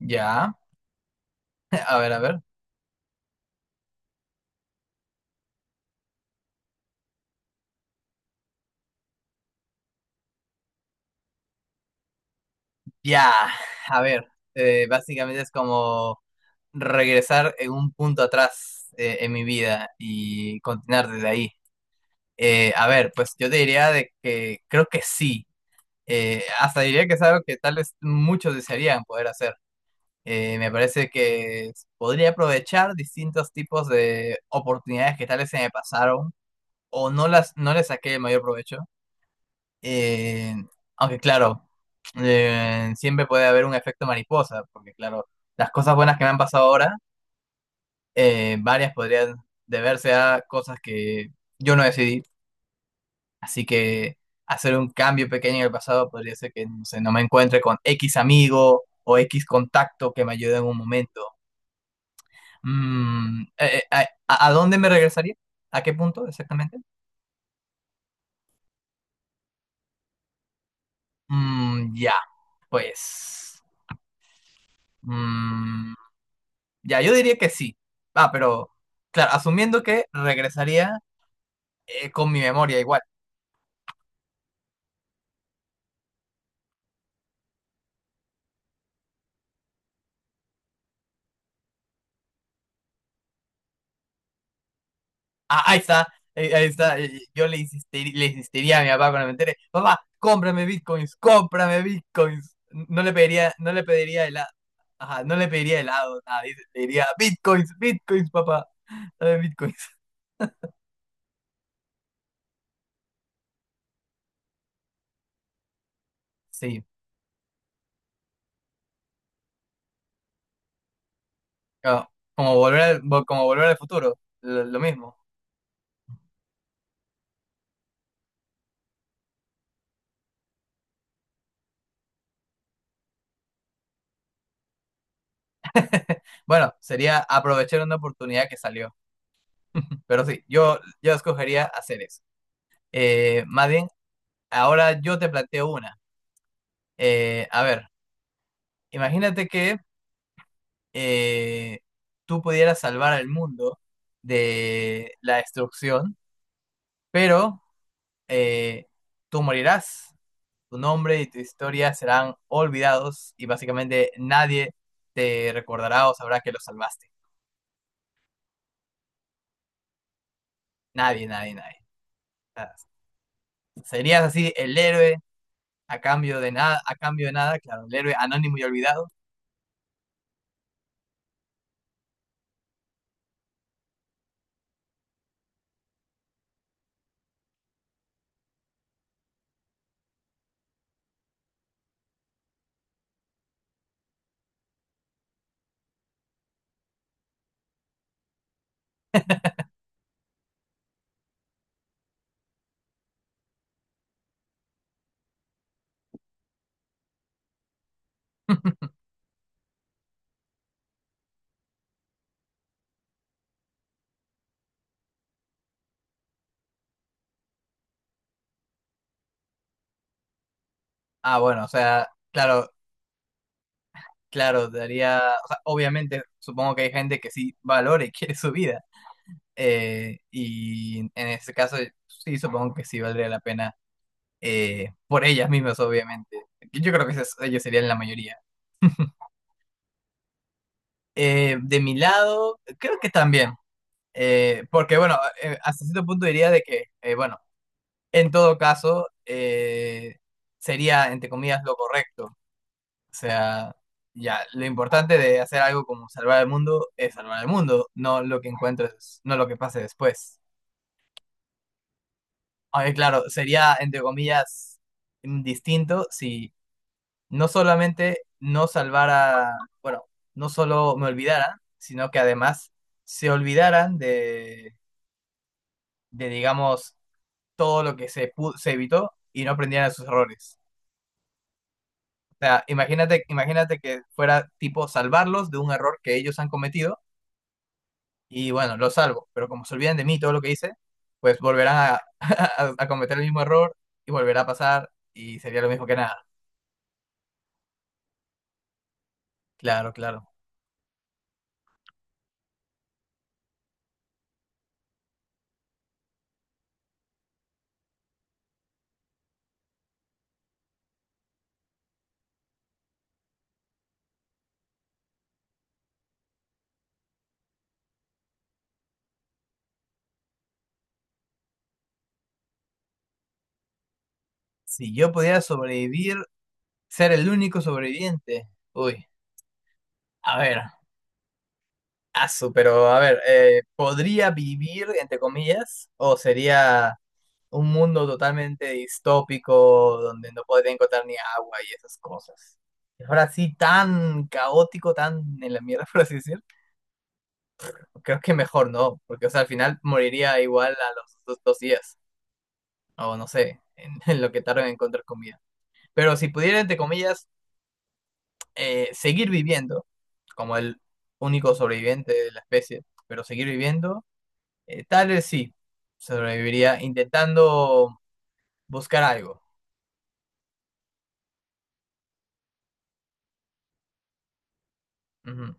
Ya, a ver, a ver. Ya, a ver. Básicamente es como regresar en un punto atrás en mi vida y continuar desde ahí. A ver, pues yo te diría de que creo que sí. Hasta diría que es algo que tal vez muchos desearían poder hacer. Me parece que podría aprovechar distintos tipos de oportunidades que tal vez se me pasaron o no les saqué el mayor provecho. Eh, aunque claro, siempre puede haber un efecto mariposa, porque claro, las cosas buenas que me han pasado ahora, varias podrían deberse a cosas que yo no decidí, así que hacer un cambio pequeño en el pasado podría ser que no sé, no me encuentre con X amigo o X contacto que me ayude en un momento. Mm, eh, eh, ¿A dónde me regresaría? ¿A qué punto exactamente? Mm, ya, pues... mm, ya, yo diría que sí. Ah, pero, claro, asumiendo que regresaría con mi memoria igual. Ah, ahí está, ahí está. Yo le insistiría a mi papá cuando me entere, papá, cómprame bitcoins, cómprame bitcoins. No le pediría, no le pediría helado. Ajá, no le pediría helado, nada, dice, le diría bitcoins, bitcoins, papá, dame bitcoins. Sí, ah, como volver al, como volver al futuro, lo mismo. Bueno, sería aprovechar una oportunidad que salió. Pero sí, yo escogería hacer eso. Más bien, ahora yo te planteo una. A ver, imagínate que eh, tú pudieras salvar al mundo de la destrucción, pero eh, tú morirás, tu nombre y tu historia serán olvidados y básicamente nadie te recordará o sabrá que lo salvaste. Nadie, nadie, nadie. O sea, serías así el héroe a cambio de nada, a cambio de nada, claro, el héroe anónimo y olvidado. Ah, bueno, o sea, claro, claro, daría, o sea, obviamente supongo que hay gente que sí valora y quiere su vida. Y en ese caso, sí, supongo que sí valdría la pena por ellas mismas, obviamente. Yo creo que ellos serían la mayoría. De mi lado, creo que también. Porque bueno, hasta cierto punto diría de que, bueno, en todo caso, sería, entre comillas, lo correcto. O sea, ya, lo importante de hacer algo como salvar el mundo es salvar el mundo, no lo que encuentres, no lo que pase después. Aunque claro, sería, entre comillas, distinto si no solamente no salvara, bueno, no solo me olvidara, sino que además se olvidaran de digamos, todo lo que se evitó y no aprendieran de sus errores. O sea, imagínate, imagínate que fuera tipo salvarlos de un error que ellos han cometido y bueno, lo salvo, pero como se olvidan de mí todo lo que hice, pues volverán a, a cometer el mismo error y volverá a pasar y sería lo mismo que nada. Claro, claro. Si yo pudiera sobrevivir, ser el único sobreviviente. Uy, a ver, asu, pero a ver, ¿podría vivir, entre comillas, o sería un mundo totalmente distópico donde no podría encontrar ni agua y esas cosas? Ahora sí, tan caótico, tan en la mierda, por así decirlo. Creo que mejor no, porque o sea, al final moriría igual a los dos, dos días, o no sé, en, en lo que tardan en encontrar comida. Pero si pudiera, entre comillas, seguir viviendo, como el único sobreviviente de la especie, pero seguir viviendo, tal vez sí, sobreviviría intentando buscar algo. Ujú.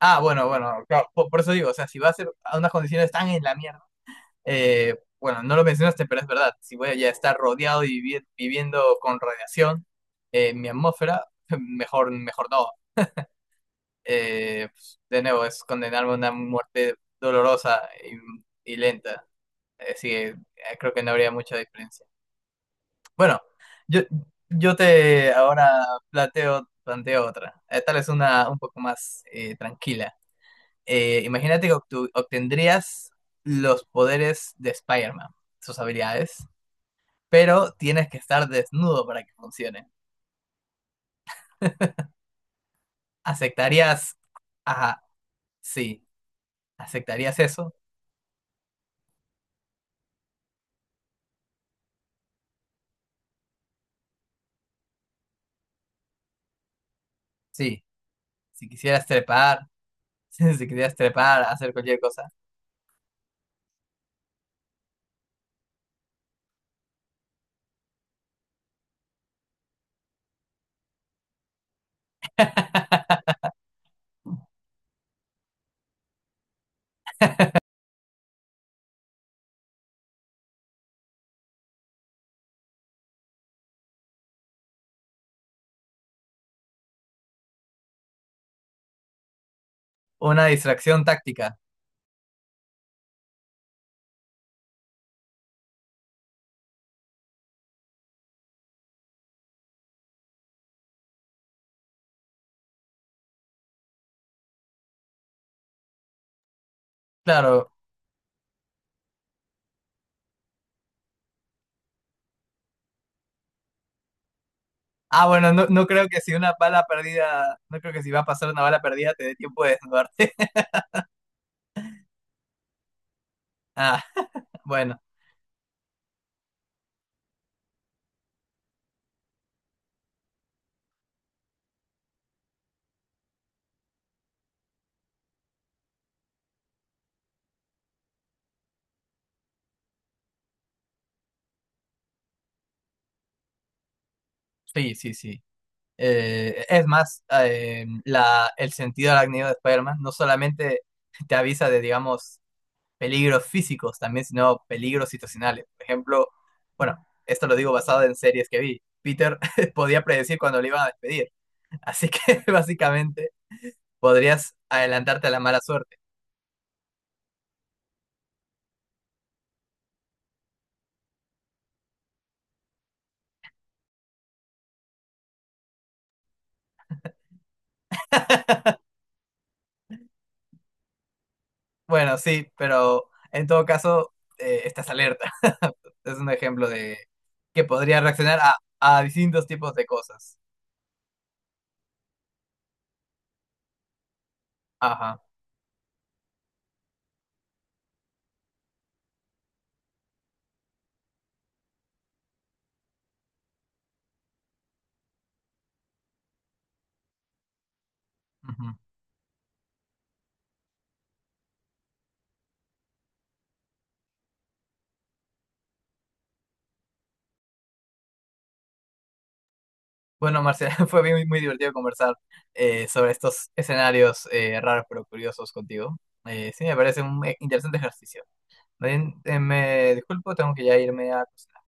Ah, bueno, bueno, claro, por eso digo, o sea, si va a ser a unas condiciones tan en la mierda, bueno, no lo mencionaste, pero es verdad. Si voy a estar rodeado y viviendo con radiación, mi atmósfera, mejor, mejor no. Pues, de nuevo, es condenarme a una muerte dolorosa y lenta. Así que creo que no habría mucha diferencia. Bueno, yo, yo te ahora planteo, planteo otra. Tal es una un poco más tranquila. Imagínate que obtendrías los poderes de Spider-Man, sus habilidades pero tienes que estar desnudo para que funcione. ¿Aceptarías? Ajá, sí. ¿Aceptarías eso? Sí. Si quisieras trepar, si quisieras trepar, hacer cualquier cosa. Una distracción táctica. Claro. Ah, bueno, no, no creo que si una bala perdida, no creo que si va a pasar una bala perdida te dé tiempo de desnudarte. Ah, bueno, sí, sí, sí. Es más, la, el sentido arácnido de Spider-Man no solamente te avisa de, digamos, peligros físicos también, sino peligros situacionales. Por ejemplo, bueno, esto lo digo basado en series que vi. Peter podía predecir cuando le iban a despedir, así que básicamente podrías adelantarte a la mala suerte. Bueno, sí, pero en todo caso, estás alerta. Es un ejemplo de que podría reaccionar a distintos tipos de cosas. Ajá. Ujú. Bueno, Marcela, fue muy, muy divertido conversar sobre estos escenarios raros pero curiosos contigo. Sí, me parece un interesante ejercicio. Bien, me disculpo, tengo que ya irme a acostar.